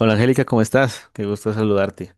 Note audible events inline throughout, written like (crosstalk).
Hola Angélica, ¿cómo estás? Qué gusto saludarte.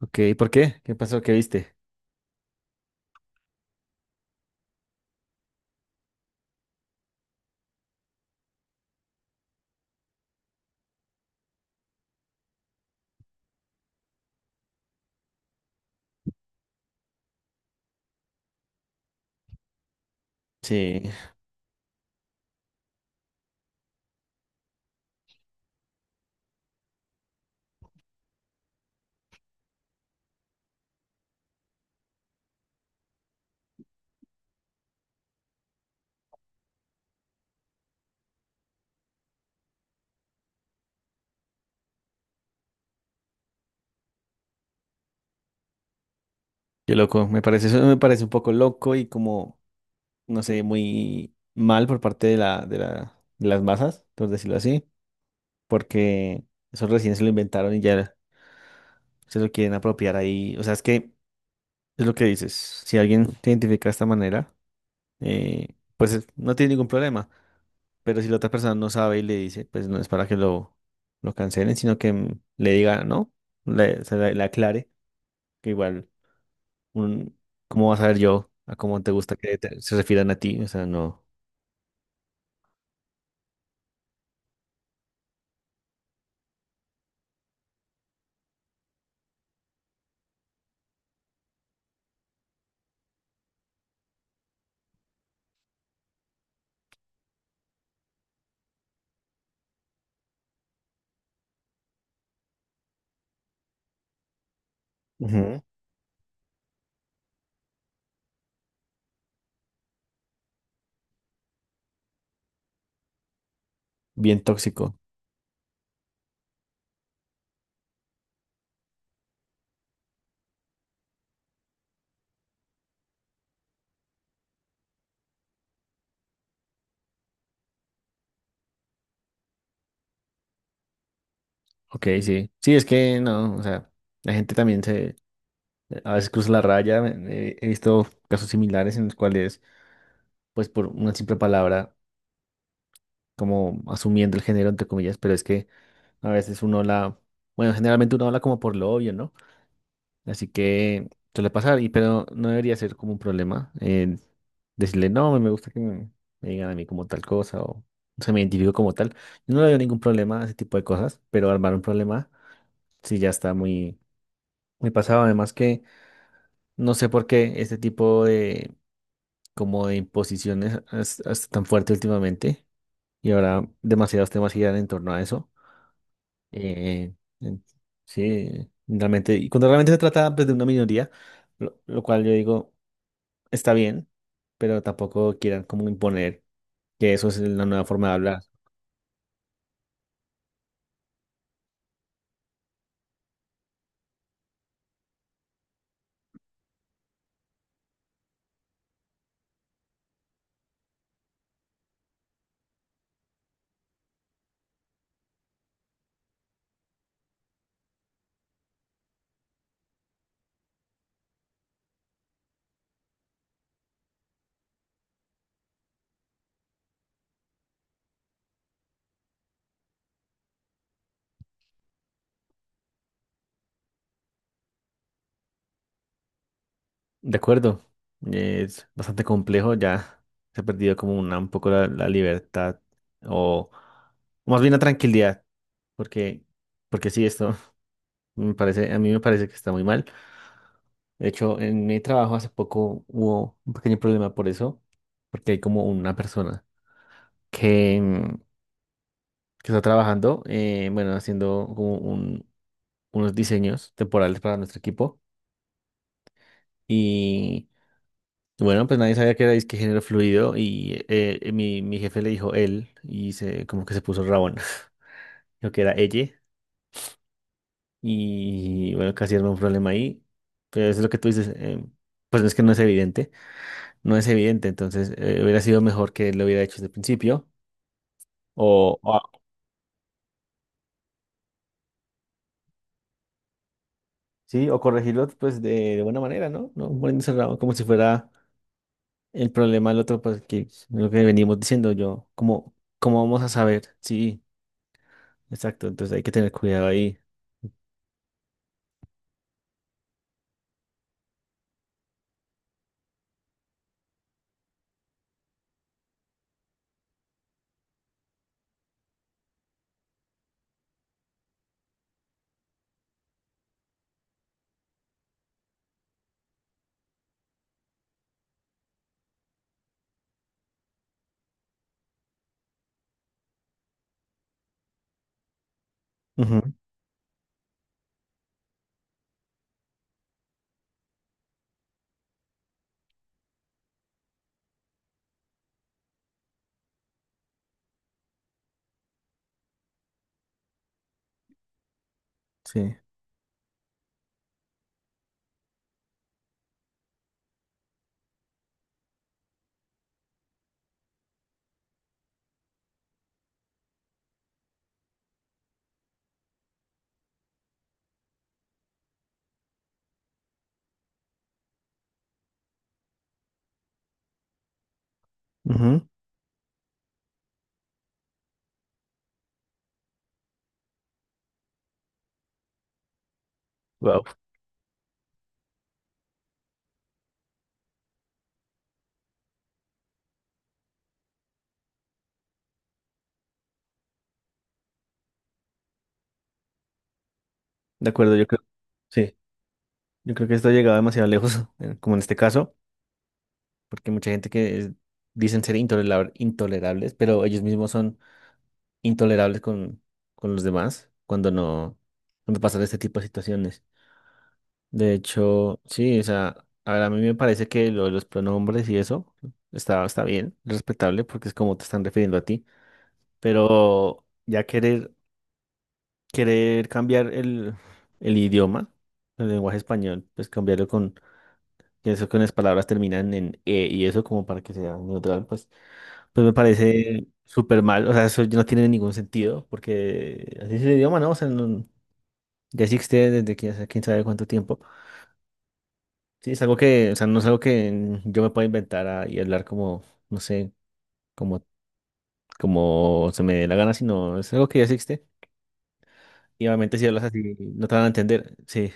Ok, ¿por qué? ¿Qué pasó? ¿Qué viste? Sí, qué loco. Me parece, eso me parece un poco loco y como, no sé, muy mal por parte de las masas, por decirlo así, porque eso recién se lo inventaron y ya se lo quieren apropiar ahí. O sea, es que es lo que dices. Si alguien se identifica de esta manera, eh, pues no tiene ningún problema. Pero si la otra persona no sabe y le dice, pues no es para que lo cancelen, sino que le diga, no, le aclare, que igual, un, ¿cómo vas a ver yo a cómo te gusta que se refieran a ti? O sea, no, ujú, bien tóxico. Ok, sí. Sí, es que no, o sea, la gente también se, a veces cruza la raya. He visto casos similares en los cuales, pues por una simple palabra, como asumiendo el género, entre comillas, pero es que a veces uno la, bueno, generalmente uno habla como por lo obvio, ¿no? Así que suele pasar, y, pero no debería ser como un problema decirle, no, me gusta que me digan a mí como tal cosa o se me identifico como tal. Yo no le veo ningún problema a ese tipo de cosas, pero armar un problema sí ya está muy, muy pasado. Además que no sé por qué este tipo de, como de imposiciones es tan fuerte últimamente y ahora demasiados temas giran en torno a eso. Eh, en- sí, realmente, y cuando realmente se trata pues, de una minoría, lo cual yo digo, está bien, pero tampoco quieran como imponer que eso es la nueva forma de hablar. De acuerdo, es bastante complejo, ya se ha perdido como una, un poco la libertad o, o más bien la tranquilidad, porque, porque sí, esto (laughs) me parece, a mí me parece que está muy mal. De hecho, en mi trabajo hace poco hubo un pequeño problema por eso, porque hay como una persona que, que está trabajando, bueno, haciendo como unos diseños temporales para nuestro equipo. Y bueno, pues nadie sabía que era disque género fluido y mi jefe le dijo él y se, como que se puso rabón, (laughs) lo que era ella. Y bueno, casi era un problema ahí. Pero eso es lo que tú dices, pues no es que no es evidente, no es evidente, entonces hubiera sido mejor que lo hubiera hecho desde el principio. O, o- sí, o corregirlo pues de buena manera, ¿no? No poniéndose rabón como si fuera el problema del otro, pues, que es lo que venimos diciendo yo, como, ¿cómo vamos a saber? Sí, exacto, entonces hay que tener cuidado ahí. Ujú, sí, ujú. Wow. De acuerdo, yo creo. Sí, yo creo que esto ha llegado demasiado lejos, (laughs) como en este caso, porque mucha gente que dicen ser intolerables, pero ellos mismos son intolerables con los demás cuando no, cuando pasan este tipo de situaciones. De hecho, sí, o sea, a ver, a mí me parece que lo de los pronombres y eso está, está bien, respetable, porque es como te están refiriendo a ti, pero ya querer, querer cambiar el idioma, el lenguaje español, pues cambiarlo con, que eso con las palabras terminan en e y eso como para que sea neutral, pues, pues me parece súper mal, o sea, eso no tiene ningún sentido, porque así es el idioma, ¿no? O sea, no, ya existe desde que hace quién sabe cuánto tiempo. Sí, es algo que, o sea, no es algo que yo me pueda inventar y hablar como, no sé, como, como se me dé la gana, sino es algo que ya existe. Y obviamente si hablas así, no te van a entender. Sí,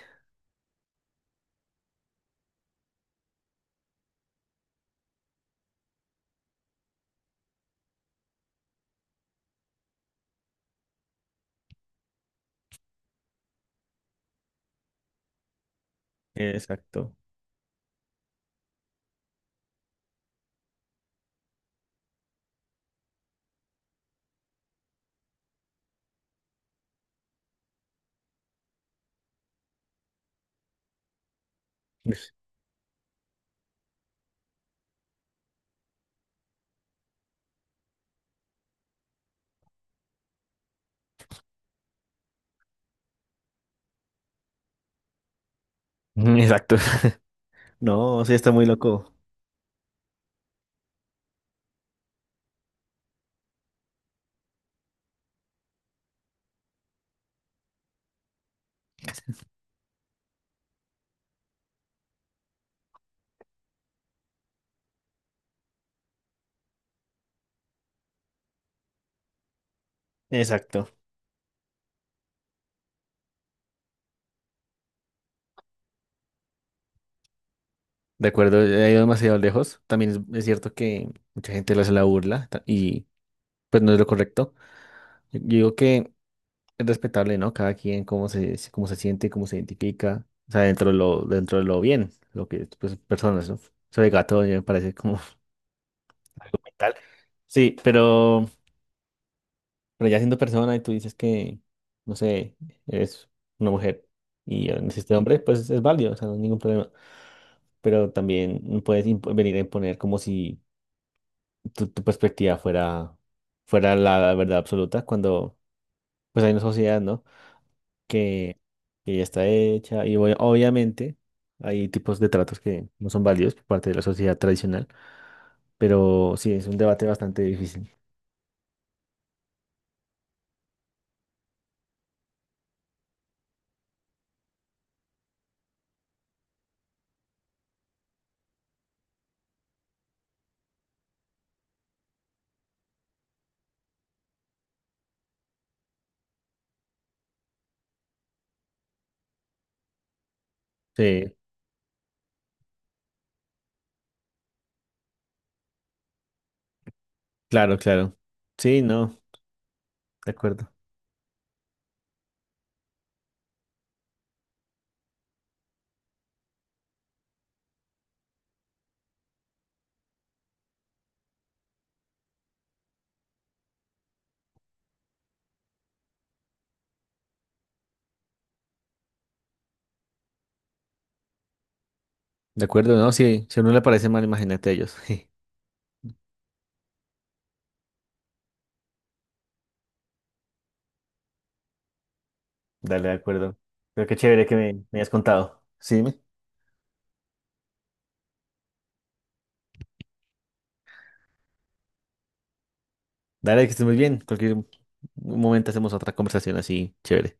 exacto. (laughs) Exacto. (laughs) No, sí, está muy loco. Exacto. De acuerdo, he ido demasiado lejos. También es cierto que mucha gente le hace la burla y pues no es lo correcto. Yo digo que es respetable, ¿no? Cada quien cómo se, cómo se siente, cómo se identifica, o sea, dentro de lo bien, lo que, pues, personas, ¿no? Eso de gato ya me parece como (laughs) mental. Sí, pero ya siendo persona y tú dices que, no sé, eres una mujer y ya naciste hombre, pues es válido, o sea, no hay ningún problema. Pero también no puedes venir a imponer como si tu perspectiva fuera, fuera la verdad absoluta cuando, pues hay una sociedad, ¿no? que, que ya está hecha y obviamente hay tipos de tratos que no son válidos por parte de la sociedad tradicional, pero sí, es un debate bastante difícil. Sí, claro, claro. Sí, no, de acuerdo. De acuerdo, no, sí, si a uno le parece mal, imagínate a ellos. (laughs) Dale, de acuerdo. Pero qué chévere que me hayas contado. Sí, dime. Dale, que estés muy bien. Cualquier momento hacemos otra conversación así, chévere.